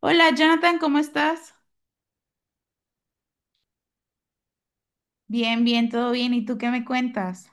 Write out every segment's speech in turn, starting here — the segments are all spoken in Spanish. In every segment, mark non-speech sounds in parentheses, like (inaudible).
Hola, Jonathan, ¿cómo estás? Bien, todo bien. ¿Y tú qué me cuentas?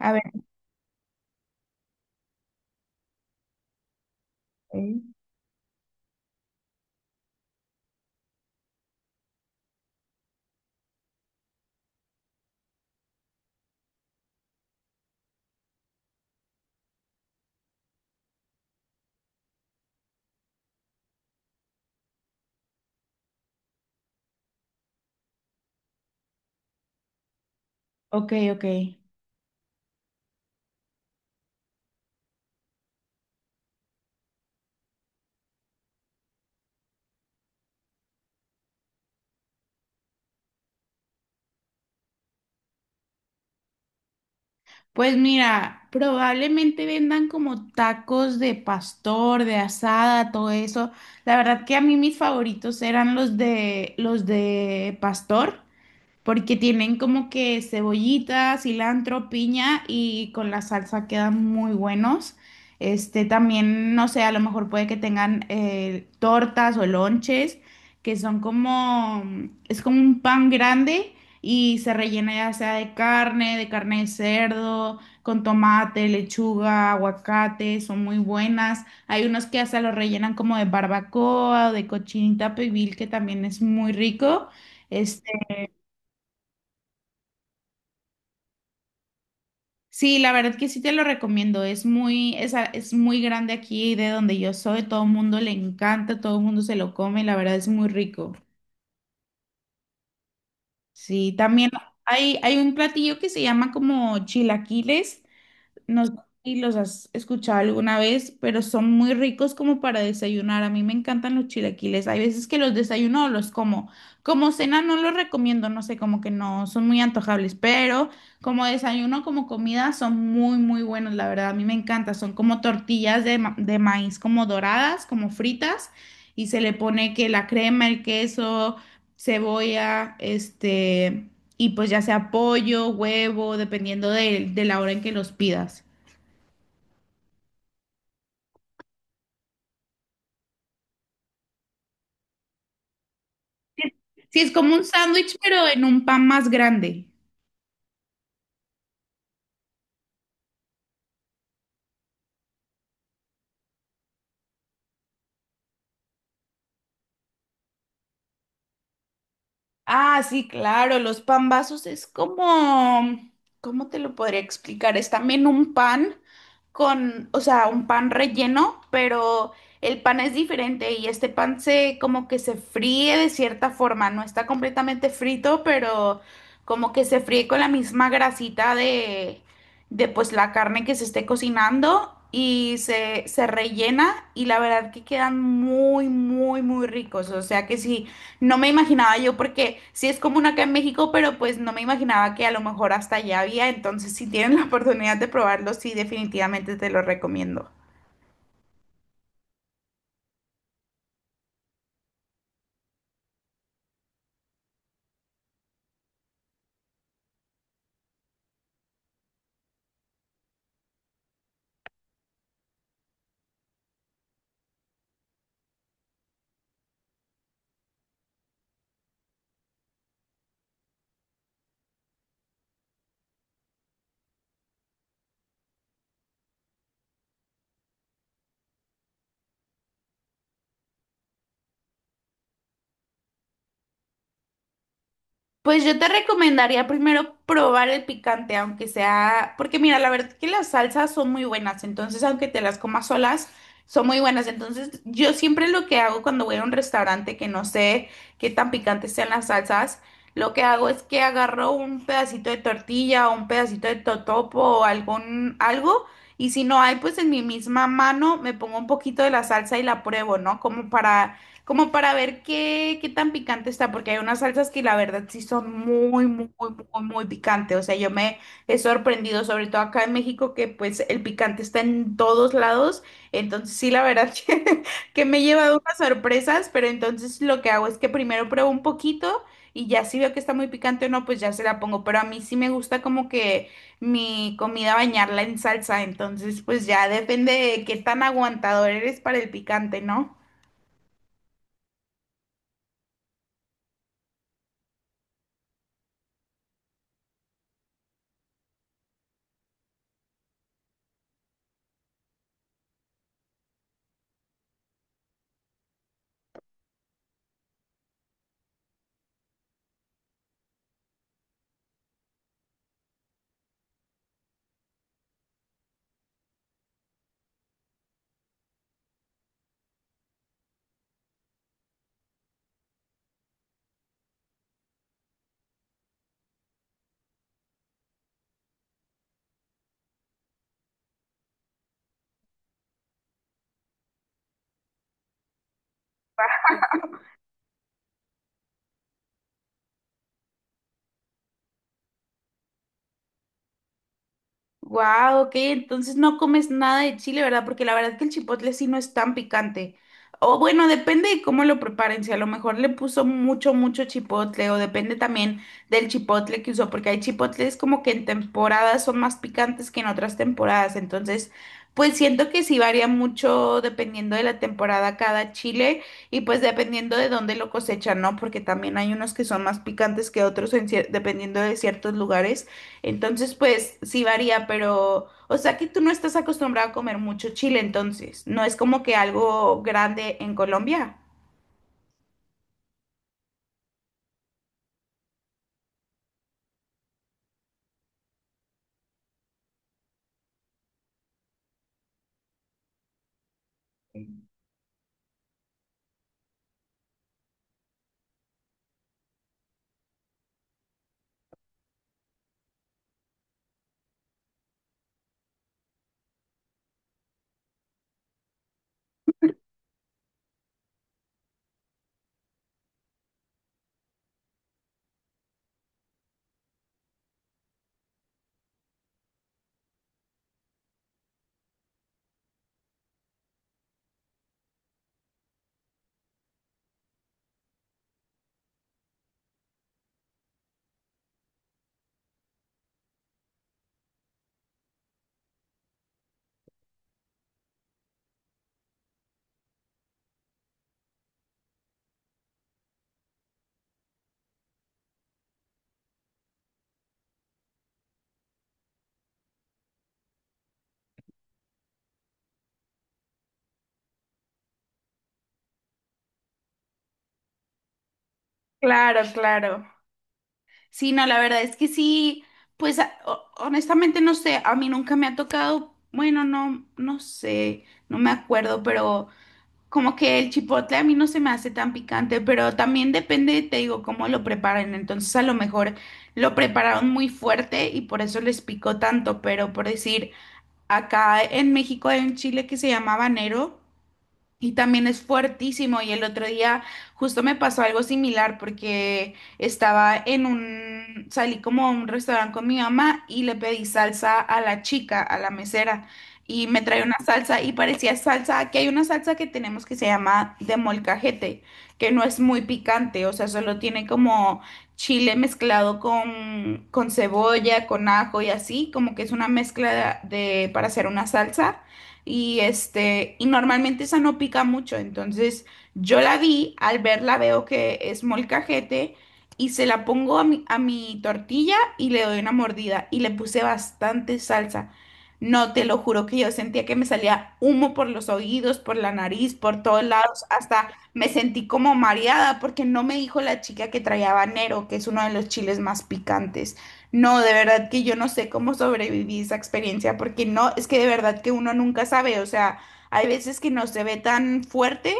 A ver. Ok, ok. Ok. Pues mira, probablemente vendan como tacos de pastor, de asada, todo eso. La verdad que a mí mis favoritos eran los de pastor, porque tienen como que cebollita, cilantro, piña y con la salsa quedan muy buenos. Este también, no sé, a lo mejor puede que tengan tortas o lonches, que son como, es como un pan grande y se rellena ya sea de carne, de carne de cerdo, con tomate, lechuga, aguacate, son muy buenas. Hay unos que hasta los rellenan como de barbacoa o de cochinita pibil, que también es muy rico. Sí, la verdad que sí te lo recomiendo. Es muy, es, es muy grande aquí de donde yo soy. Todo el mundo le encanta, todo el mundo se lo come. La verdad es muy rico. Sí, también hay un platillo que se llama como chilaquiles. No sé si los has escuchado alguna vez, pero son muy ricos como para desayunar. A mí me encantan los chilaquiles. Hay veces que los desayuno o los como. Como cena no los recomiendo, no sé, como que no son muy antojables, pero como desayuno, como comida, son muy, muy buenos, la verdad. A mí me encanta. Son como tortillas de, de maíz, como doradas, como fritas, y se le pone que la crema, el queso, cebolla, este, y pues ya sea pollo, huevo, dependiendo de la hora en que los pidas. Sí, es como un sándwich, pero en un pan más grande. Ah, sí, claro, los pambazos es como, ¿cómo te lo podría explicar? Es también un pan con, o sea, un pan relleno, pero el pan es diferente y este pan se como que se fríe de cierta forma, no está completamente frito, pero como que se fríe con la misma grasita de pues la carne que se esté cocinando y se rellena y la verdad que quedan muy, muy, muy ricos, o sea que sí, no me imaginaba yo, porque sí es común acá en México, pero pues no me imaginaba que a lo mejor hasta allá había. Entonces, si tienen la oportunidad de probarlo, sí, definitivamente te lo recomiendo. Pues yo te recomendaría primero probar el picante, aunque sea, porque mira, la verdad que las salsas son muy buenas, entonces aunque te las comas solas, son muy buenas. Entonces yo siempre lo que hago cuando voy a un restaurante que no sé qué tan picantes sean las salsas, lo que hago es que agarro un pedacito de tortilla o un pedacito de totopo o algún algo, y si no hay, pues en mi misma mano me pongo un poquito de la salsa y la pruebo, ¿no? Como para como para ver qué, qué tan picante está, porque hay unas salsas que la verdad sí son muy, muy, muy, muy picantes. O sea, yo me he sorprendido, sobre todo acá en México, que pues el picante está en todos lados. Entonces sí, la verdad (laughs) que me he llevado unas sorpresas, pero entonces lo que hago es que primero pruebo un poquito y ya si veo que está muy picante o no, pues ya se la pongo. Pero a mí sí me gusta como que mi comida bañarla en salsa, entonces pues ya depende de qué tan aguantador eres para el picante, ¿no? Wow, ok, entonces no comes nada de chile, ¿verdad? Porque la verdad que el chipotle sí no es tan picante. O bueno, depende de cómo lo preparen, si a lo mejor le puso mucho, mucho chipotle, o depende también del chipotle que usó, porque hay chipotles como que en temporadas son más picantes que en otras temporadas. Entonces, pues siento que sí varía mucho dependiendo de la temporada cada chile y pues dependiendo de dónde lo cosechan, ¿no? Porque también hay unos que son más picantes que otros en dependiendo de ciertos lugares. Entonces, pues sí varía, pero, o sea que tú no estás acostumbrado a comer mucho chile, entonces, no es como que algo grande en Colombia. Claro, claro. Sí, no, la verdad es que sí, pues honestamente no sé, a mí nunca me ha tocado, bueno, no, no sé, no me acuerdo, pero como que el chipotle a mí no se me hace tan picante, pero también depende, te digo, cómo lo preparen. Entonces, a lo mejor lo prepararon muy fuerte y por eso les picó tanto, pero por decir... Acá en México hay un chile que se llama habanero, y también es fuertísimo. Y el otro día justo me pasó algo similar porque estaba en un, salí como a un restaurante con mi mamá y le pedí salsa a la chica, a la mesera. Y me trae una salsa y parecía salsa, aquí hay una salsa que tenemos que se llama de molcajete, que no es muy picante, o sea, solo tiene como chile mezclado con cebolla, con ajo y así, como que es una mezcla de, para hacer una salsa y este, y normalmente esa no pica mucho, entonces yo la vi, al verla veo que es molcajete y se la pongo a mi tortilla y le doy una mordida y le puse bastante salsa. No, te lo juro que yo sentía que me salía humo por los oídos, por la nariz, por todos lados, hasta me sentí como mareada porque no me dijo la chica que traía habanero, que es uno de los chiles más picantes. No, de verdad que yo no sé cómo sobreviví esa experiencia, porque no, es que de verdad que uno nunca sabe, o sea, hay veces que no se ve tan fuerte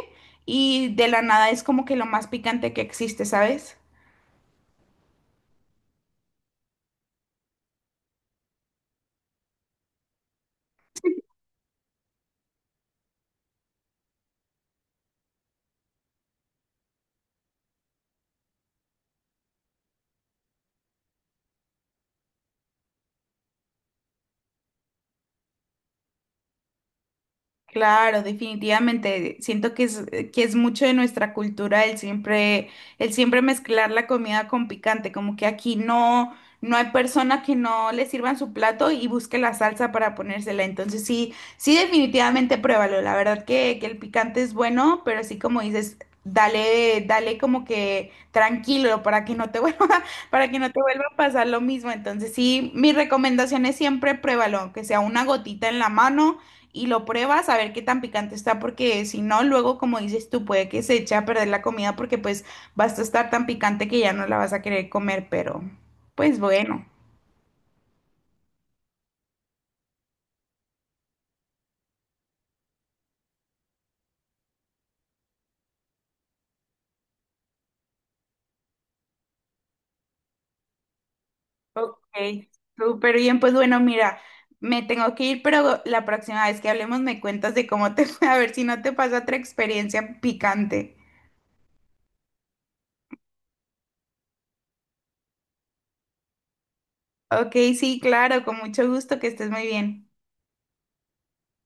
y de la nada es como que lo más picante que existe, ¿sabes? Claro, definitivamente. Siento que es mucho de nuestra cultura el siempre mezclar la comida con picante, como que aquí no, no hay persona que no le sirvan su plato y busque la salsa para ponérsela. Entonces sí, sí, definitivamente pruébalo. La verdad que el picante es bueno, pero sí como dices, dale, dale como que tranquilo para que no te (laughs) vuelva, para que no te vuelva a pasar lo mismo. Entonces sí, mi recomendación es siempre pruébalo, aunque sea una gotita en la mano y lo pruebas a ver qué tan picante está, porque si no, luego, como dices tú, puede que se eche a perder la comida porque pues vas a estar tan picante que ya no la vas a querer comer, pero pues bueno. Ok, súper bien, pues bueno, mira, me tengo que ir, pero la próxima vez que hablemos me cuentas de cómo te fue, (laughs) a ver si no te pasa otra experiencia picante. Ok, sí, claro, con mucho gusto, que estés muy bien.